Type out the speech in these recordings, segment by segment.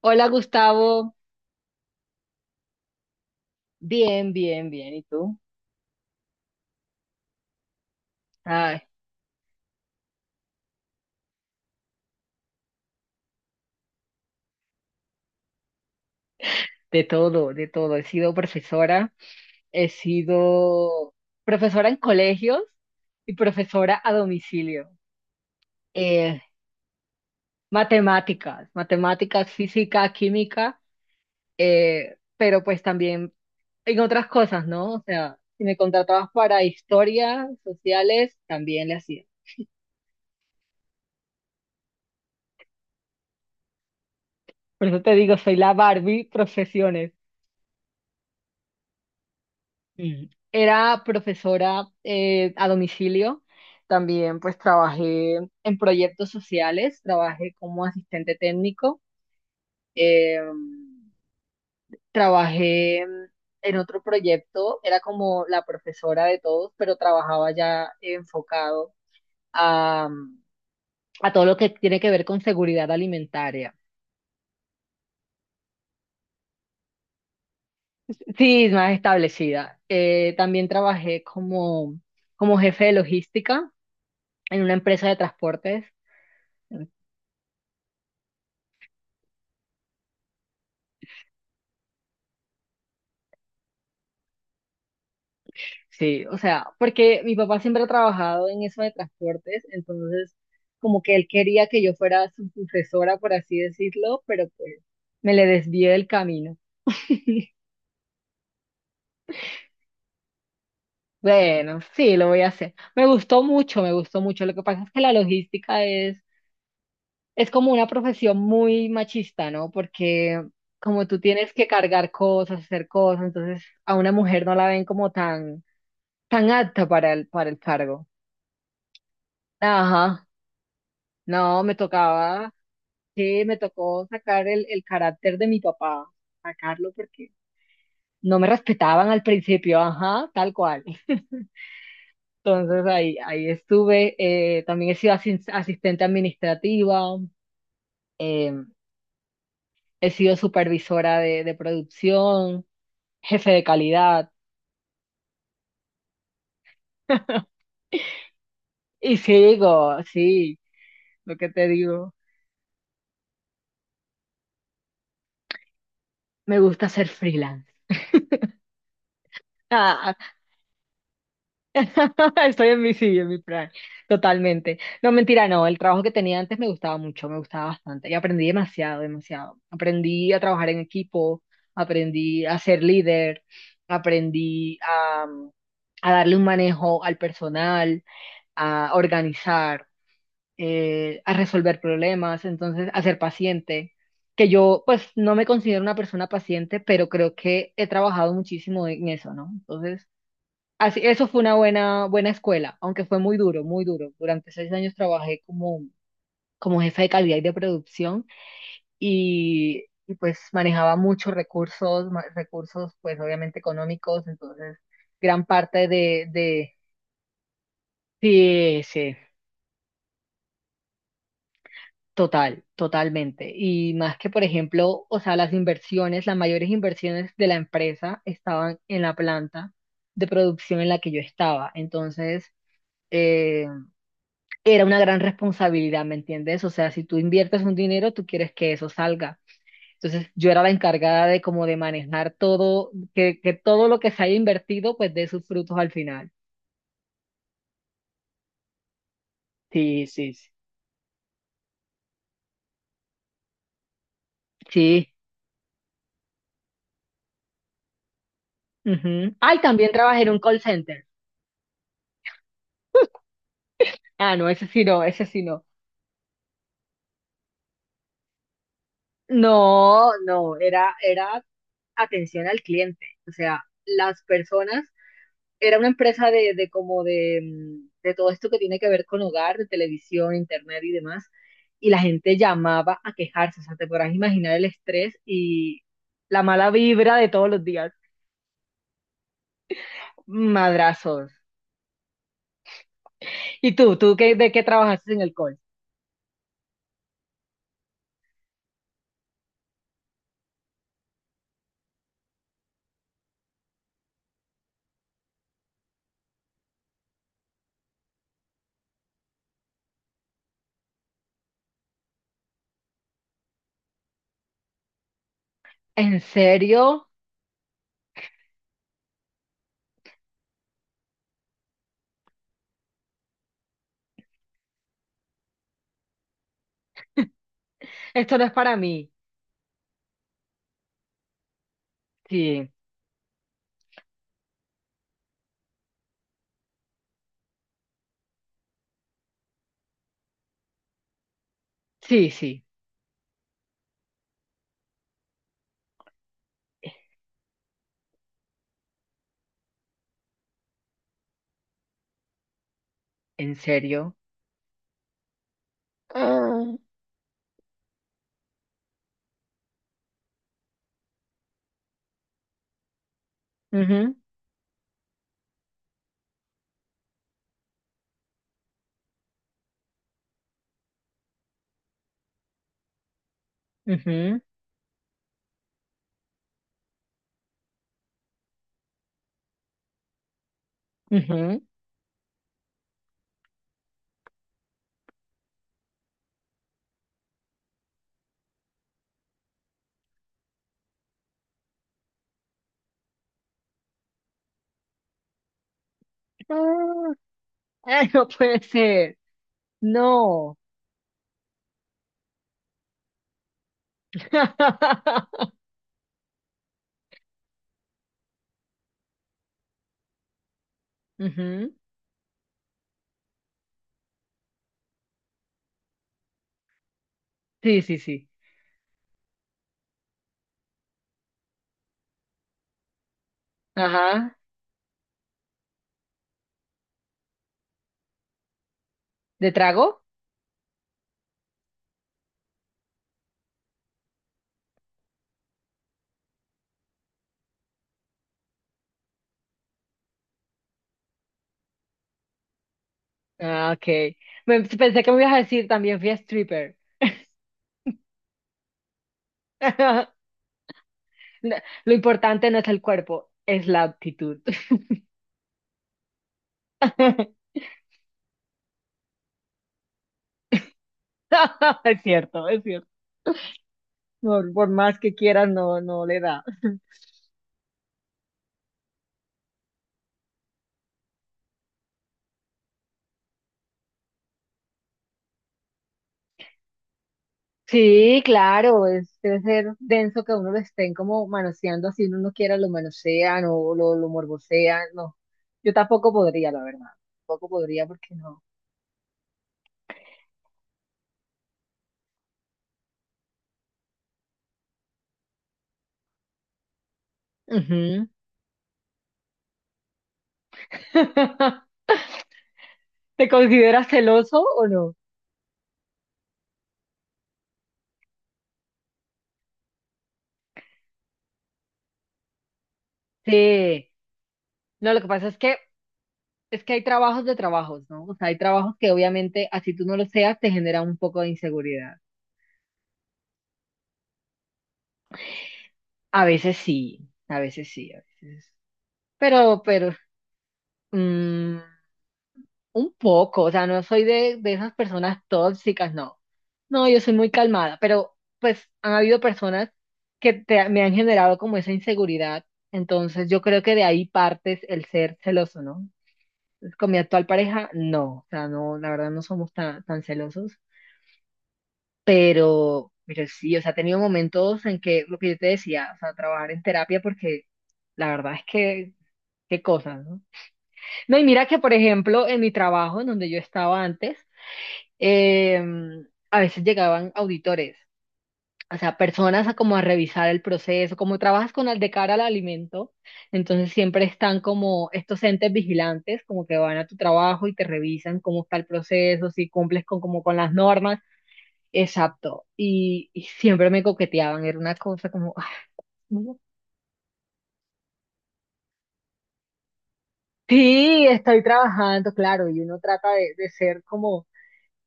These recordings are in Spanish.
Hola Gustavo. Bien, bien, bien. ¿Y tú? Ay, de todo, de todo. He sido profesora en colegios y profesora a domicilio. Eh, matemáticas, matemáticas, física, química, pero pues también en otras cosas, ¿no? O sea, si me contratabas para historia, sociales, también le hacía. Por eso te digo, soy la Barbie profesiones. Mm. Era profesora a domicilio. También pues trabajé en proyectos sociales, trabajé como asistente técnico, eh, trabajé en otro proyecto, era como la profesora de todos, pero trabajaba ya enfocado a, a todo lo que tiene que ver con seguridad alimentaria. Sí, más establecida. También trabajé como jefe de logística en una empresa de transportes. Sí, o sea, porque mi papá siempre ha trabajado en eso de transportes, entonces como que él quería que yo fuera su sucesora, por así decirlo, pero pues me le desvié del camino. Bueno, sí, lo voy a hacer. Me gustó mucho, me gustó mucho. Lo que pasa es que la logística es como una profesión muy machista, ¿no? Porque como tú tienes que cargar cosas, hacer cosas, entonces a una mujer no la ven como tan, tan apta para el cargo. Ajá, no, me tocaba. Sí, me tocó sacar el carácter de mi papá, sacarlo porque no me respetaban al principio, ajá, tal cual. Entonces ahí estuve, también he sido asistente administrativa, eh, he sido supervisora de producción, jefe de calidad, y sigo, sí, lo que te digo, me gusta ser freelance. Estoy en mi, sí, en mi plan, totalmente. No, mentira, no, el trabajo que tenía antes me gustaba mucho, me gustaba bastante y aprendí demasiado, demasiado. Aprendí a trabajar en equipo, aprendí a ser líder, aprendí a darle un manejo al personal, a organizar, a resolver problemas, entonces a ser paciente. Que yo, pues, no me considero una persona paciente, pero creo que he trabajado muchísimo en eso, ¿no? Entonces. Así, eso fue una buena, buena escuela, aunque fue muy duro, muy duro. Durante 6 años trabajé como jefa de calidad y de producción y pues manejaba muchos recursos, recursos pues obviamente económicos, entonces gran parte de. Sí, sí. Totalmente. Y más que, por ejemplo, o sea, las inversiones, las mayores inversiones de la empresa estaban en la planta de producción en la que yo estaba. Entonces, eh, era una gran responsabilidad, ¿me entiendes? O sea, si tú inviertes un dinero, tú quieres que eso salga. Entonces, yo era la encargada de como de manejar todo, que todo lo que se haya invertido, pues dé sus frutos al final. Sí, sí, sí. Sí. Ujú. Ay, también trabajé en un call center. Ah, no, ese sí no, ese sí no. No, no, era atención al cliente. O sea, las personas era una empresa de como de todo esto que tiene que ver con hogar, de televisión, internet y demás. Y la gente llamaba a quejarse, o sea, te podrás imaginar el estrés y la mala vibra de todos los días. Madrazos. ¿Y tú qué, de qué trabajaste en el call? ¿En serio? Esto no es para mí. Sí, sí, sí, en serio. Ah, ujú, ujú, ujú. Ah, ay, no puede ser. No. Ujú. Sí, sí, sí. Ajá. ¿De trago? Ah, ok. Pensé que me ibas a decir también fui a stripper. No, lo importante no es el cuerpo, es la actitud. Es cierto, es cierto. Por más que quieras, no, no le da. Sí, claro, debe ser denso que uno lo estén como manoseando así uno no quiera, lo manosean o lo morbosean. No, yo tampoco podría, la verdad. Tampoco podría porque no. Ujú. ¿Te consideras celoso o no? Sí, no, lo que pasa es que hay trabajos de trabajos, ¿no? O sea, hay trabajos que obviamente, así tú no lo seas, te genera un poco de inseguridad. A veces sí, a veces sí, a veces. Pero, mm, un poco, o sea, no soy de esas personas tóxicas, no. No, yo soy muy calmada, pero pues han habido personas que me han generado como esa inseguridad. Entonces yo creo que de ahí partes el ser celoso, ¿no? Entonces, con mi actual pareja, no, o sea, no, la verdad no somos tan, tan celosos. Pero sí, o sea, he tenido momentos en que lo que yo te decía, o sea, trabajar en terapia porque la verdad es que, qué cosas, ¿no? No, y mira que, por ejemplo, en mi trabajo, en donde yo estaba antes, eh, a veces llegaban auditores, o sea, personas a como a revisar el proceso, como trabajas con el de cara al alimento, entonces siempre están como estos entes vigilantes, como que van a tu trabajo y te revisan cómo está el proceso, si cumples con, como con las normas. Exacto. Y siempre me coqueteaban, era una cosa como, "Ay, no, sí, estoy trabajando, claro, y uno trata de ser como,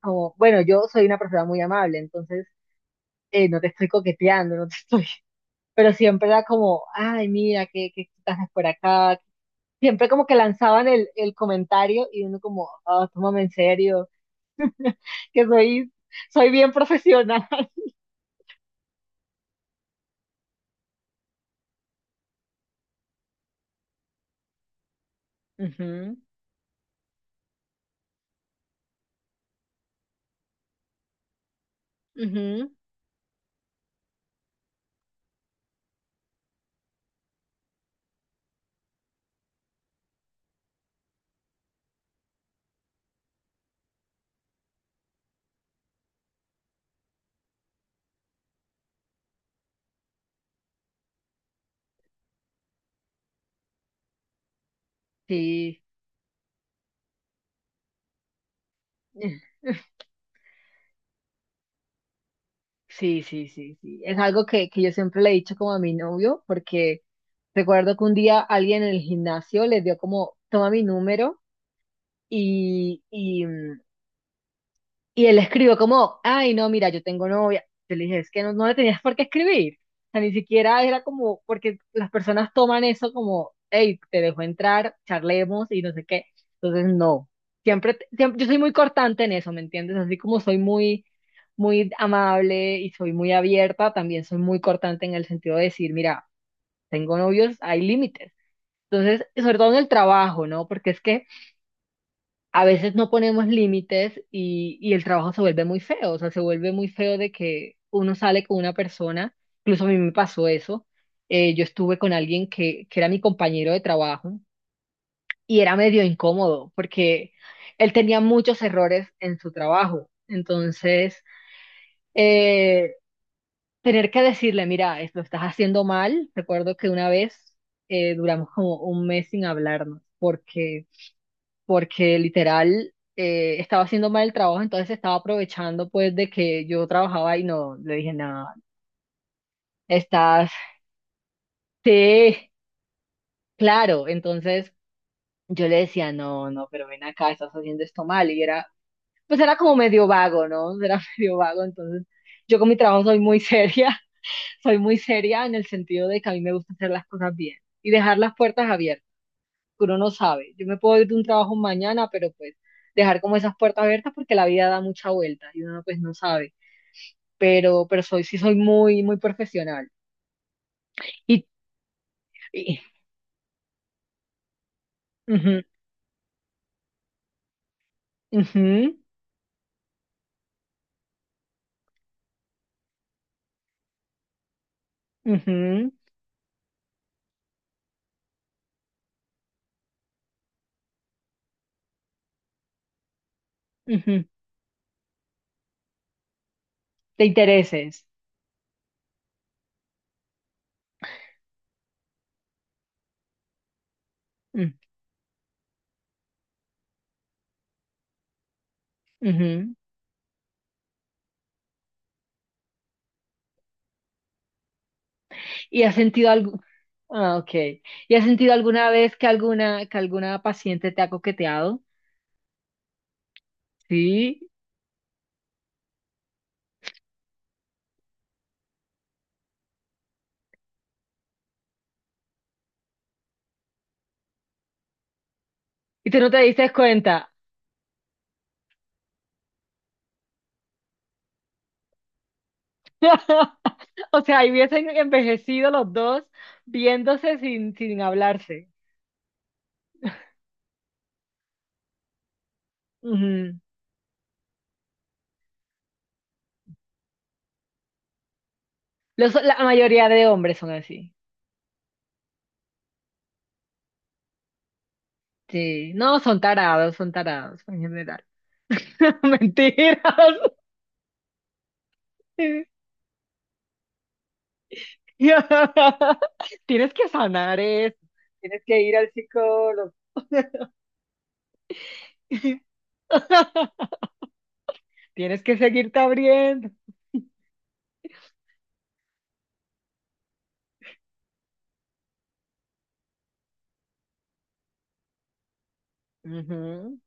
como, bueno, yo soy una persona muy amable, entonces no te estoy coqueteando, no te estoy, pero siempre era como, ay, mira, qué haces por acá. Siempre como que lanzaban el comentario y uno como, ah, tómame en serio, que soy bien profesional. Ujú, ujú, sí. Sí, sí, sí, sí. Es algo que yo siempre le he dicho como a mi novio, porque recuerdo que un día alguien en el gimnasio le dio como, toma mi número y, y él escribió como, ay, no, mira, yo tengo novia. Yo le dije, es que no, no le tenías por qué escribir. O sea, ni siquiera era como, porque las personas toman eso como, hey, te dejo entrar, charlemos y no sé qué. Entonces, no. Siempre, siempre, yo soy muy cortante en eso, ¿me entiendes? Así como soy muy, muy amable y soy muy abierta, también soy muy cortante en el sentido de decir, mira, tengo novios, hay límites. Entonces, sobre todo en el trabajo, ¿no? Porque es que a veces no ponemos límites y el trabajo se vuelve muy feo, o sea, se vuelve muy feo de que uno sale con una persona, incluso a mí me pasó eso, yo estuve con alguien que era mi compañero de trabajo y era medio incómodo porque él tenía muchos errores en su trabajo, entonces eh, tener que decirle, mira, esto lo estás haciendo mal, recuerdo que una vez duramos como un mes sin hablarnos porque literal estaba haciendo mal el trabajo, entonces estaba aprovechando pues de que yo trabajaba y no, le dije, nada, estás, sí, claro, entonces yo le decía, no, no, pero ven acá, estás haciendo esto mal, y pues era como medio vago, ¿no? Era medio vago, entonces yo con mi trabajo soy muy seria, soy muy seria en el sentido de que a mí me gusta hacer las cosas bien y dejar las puertas abiertas. Uno no sabe. Yo me puedo ir de un trabajo mañana, pero pues dejar como esas puertas abiertas porque la vida da mucha vuelta y uno pues no sabe. Pero sí soy muy, muy profesional. Y, y- ujú, ujú, ujú, ujú. Te intereses. Mm, ujú. ¿Y has sentido algo? Ah, ok. ¿Y has sentido alguna vez que alguna paciente te ha coqueteado? Sí. Y tú no te diste cuenta. O sea, ahí hubiesen envejecido los dos viéndose sin, hablarse. Ujú. La mayoría de hombres son así. Sí, no, son tarados en general. Mentiras. Tienes que sanar eso. Tienes que ir al psicólogo. Tienes que seguirte abriendo. Ujú.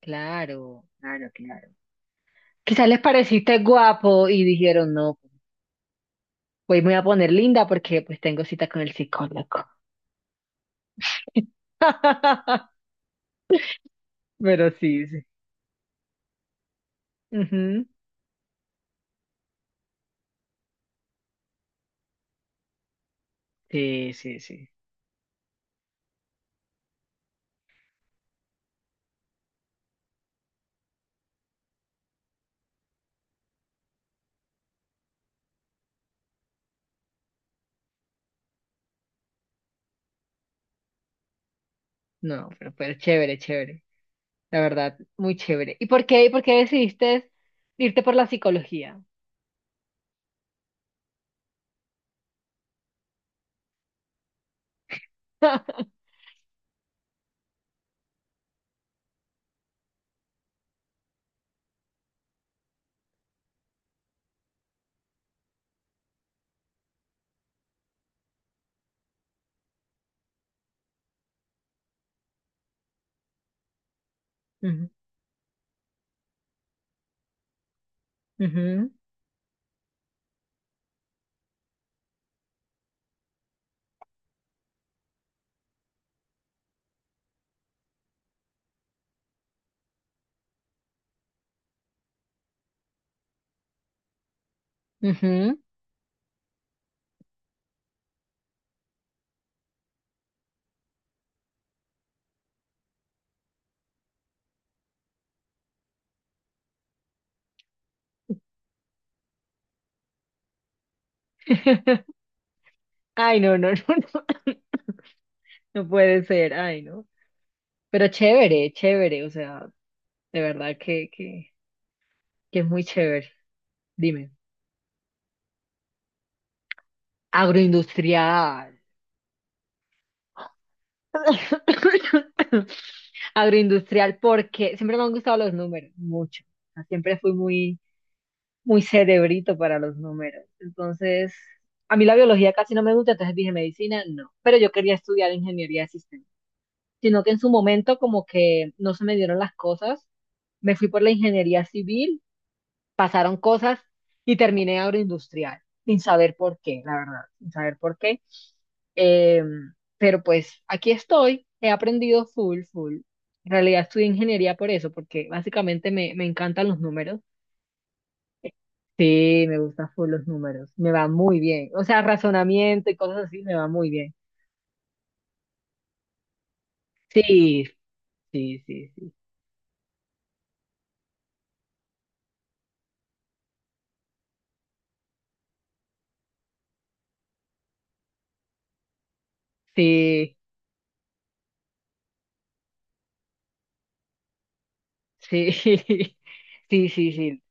Claro, claro, claro. Quizás les pareciste guapo y dijeron, no, hoy me voy a poner linda porque pues tengo cita con el psicólogo. Pero sí, sí. Ujú. Sí, sí, sí. No, pero chévere, chévere. La verdad, muy chévere. ¿Y por qué decidiste irte por la psicología? Ujú, ujú, ujú. Ay, no, no, no, no. No puede ser, ay, no. Pero chévere, chévere, o sea, de verdad que es muy chévere. Dime. Agroindustrial. Agroindustrial, porque siempre me han gustado los números, mucho. O sea, siempre fui muy, muy cerebrito para los números. Entonces, a mí la biología casi no me gusta, entonces dije medicina, no. Pero yo quería estudiar ingeniería de sistemas. Sino que en su momento como que no se me dieron las cosas. Me fui por la ingeniería civil, pasaron cosas y terminé agroindustrial, sin saber por qué, la verdad, sin saber por qué. Eh, pero pues aquí estoy, he aprendido full, full. En realidad estudié ingeniería por eso, porque básicamente me encantan los números. Sí, me gustan full los números, me va muy bien. O sea, razonamiento y cosas así me va muy bien. Sí, sí, sí, sí, sí, sí, sí, sí, sí.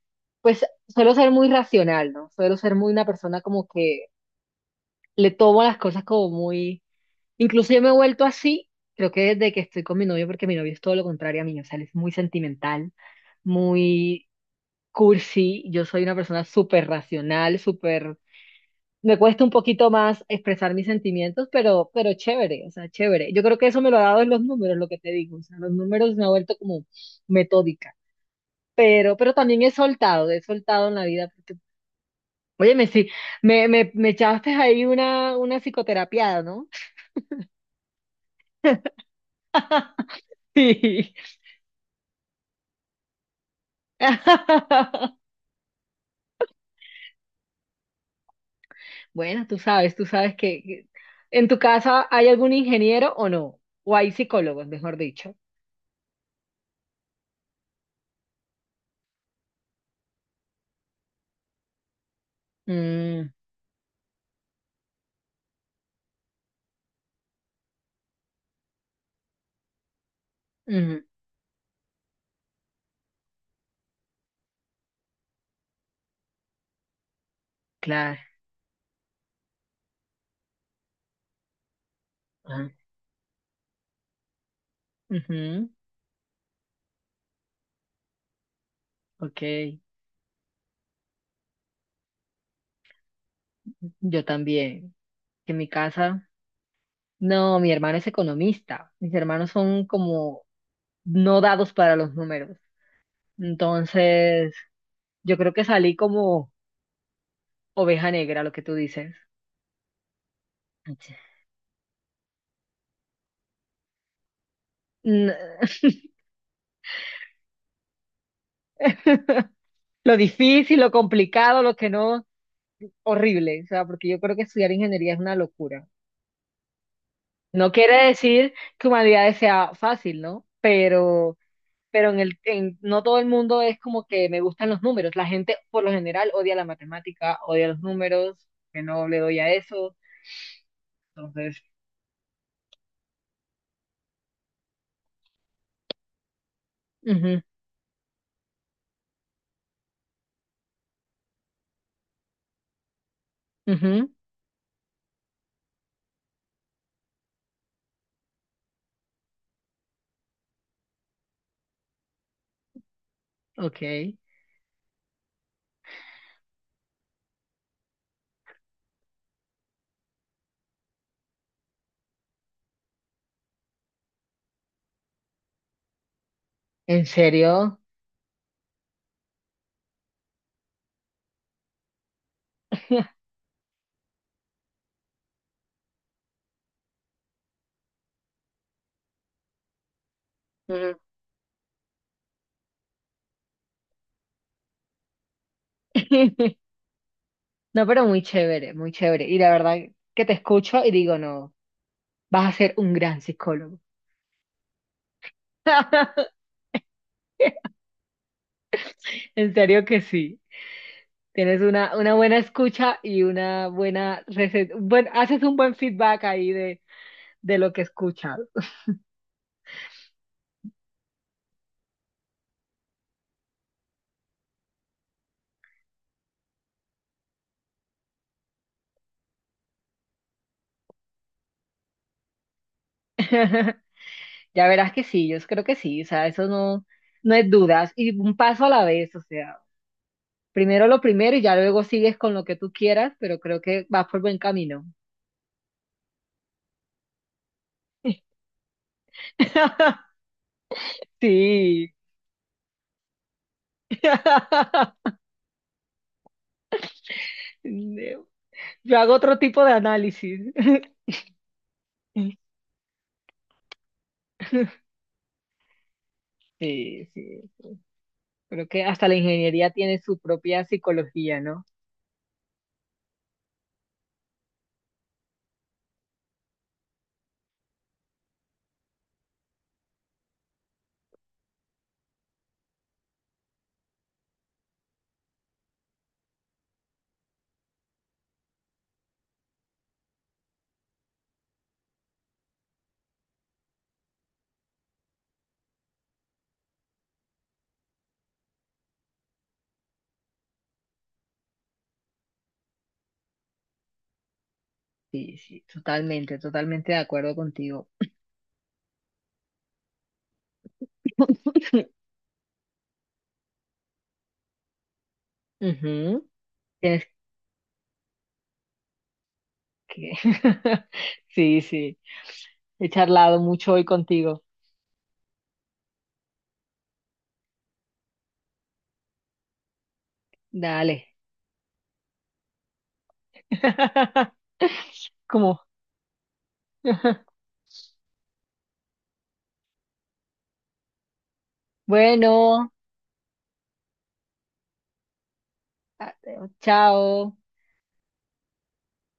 Pues suelo ser muy racional, ¿no? Suelo ser muy una persona como que le tomo las cosas como muy. Incluso yo me he vuelto así, creo que desde que estoy con mi novio, porque mi novio es todo lo contrario a mí, o sea, él es muy sentimental, muy cursi, yo soy una persona súper racional, súper. Me cuesta un poquito más expresar mis sentimientos, pero, chévere, o sea, chévere. Yo creo que eso me lo ha dado en los números, lo que te digo, o sea, los números me ha vuelto como metódica, pero también he soltado en la vida, porque, óyeme, sí, me echaste ahí una psicoterapiada, ¿no? sí. Bueno, tú sabes que en tu casa hay algún ingeniero o no, o hay psicólogos, mejor dicho. Mm, ujú, claro. Ah, ujú, ok, yo también. En mi casa, no, mi hermano es economista. Mis hermanos son como no dados para los números. Entonces, yo creo que salí como oveja negra, lo que tú dices. Ach. N- Lo difícil, lo complicado, lo que no. Horrible, o sea, porque yo creo que estudiar ingeniería es una locura. No quiere decir que humanidades sea fácil, ¿no? Pero no todo el mundo es como que me gustan los números. La gente por lo general odia la matemática, odia los números, que no le doy a eso. Entonces, ujú, ujú, ok, ¿en serio? Ujú. No, pero muy chévere, muy chévere. Y la verdad que te escucho y digo, no, vas a ser un gran psicólogo. En serio que sí. Tienes una buena escucha y una buena receta. Bueno, haces un buen feedback ahí de lo que escuchas. Ya verás que sí, yo creo que sí, o sea, eso no, no es dudas. Y un paso a la vez, o sea, primero lo primero y ya luego sigues con lo que tú quieras, pero creo que vas por buen camino. Sí. Yo hago otro tipo de análisis. Sí, sí. Creo que hasta la ingeniería tiene su propia psicología, ¿no? Sí, sí, totalmente, totalmente de acuerdo contigo. Ujú. Tienes que. Sí, sí. He charlado mucho hoy contigo. Dale. ¿Cómo? Bueno, a- eh, chao.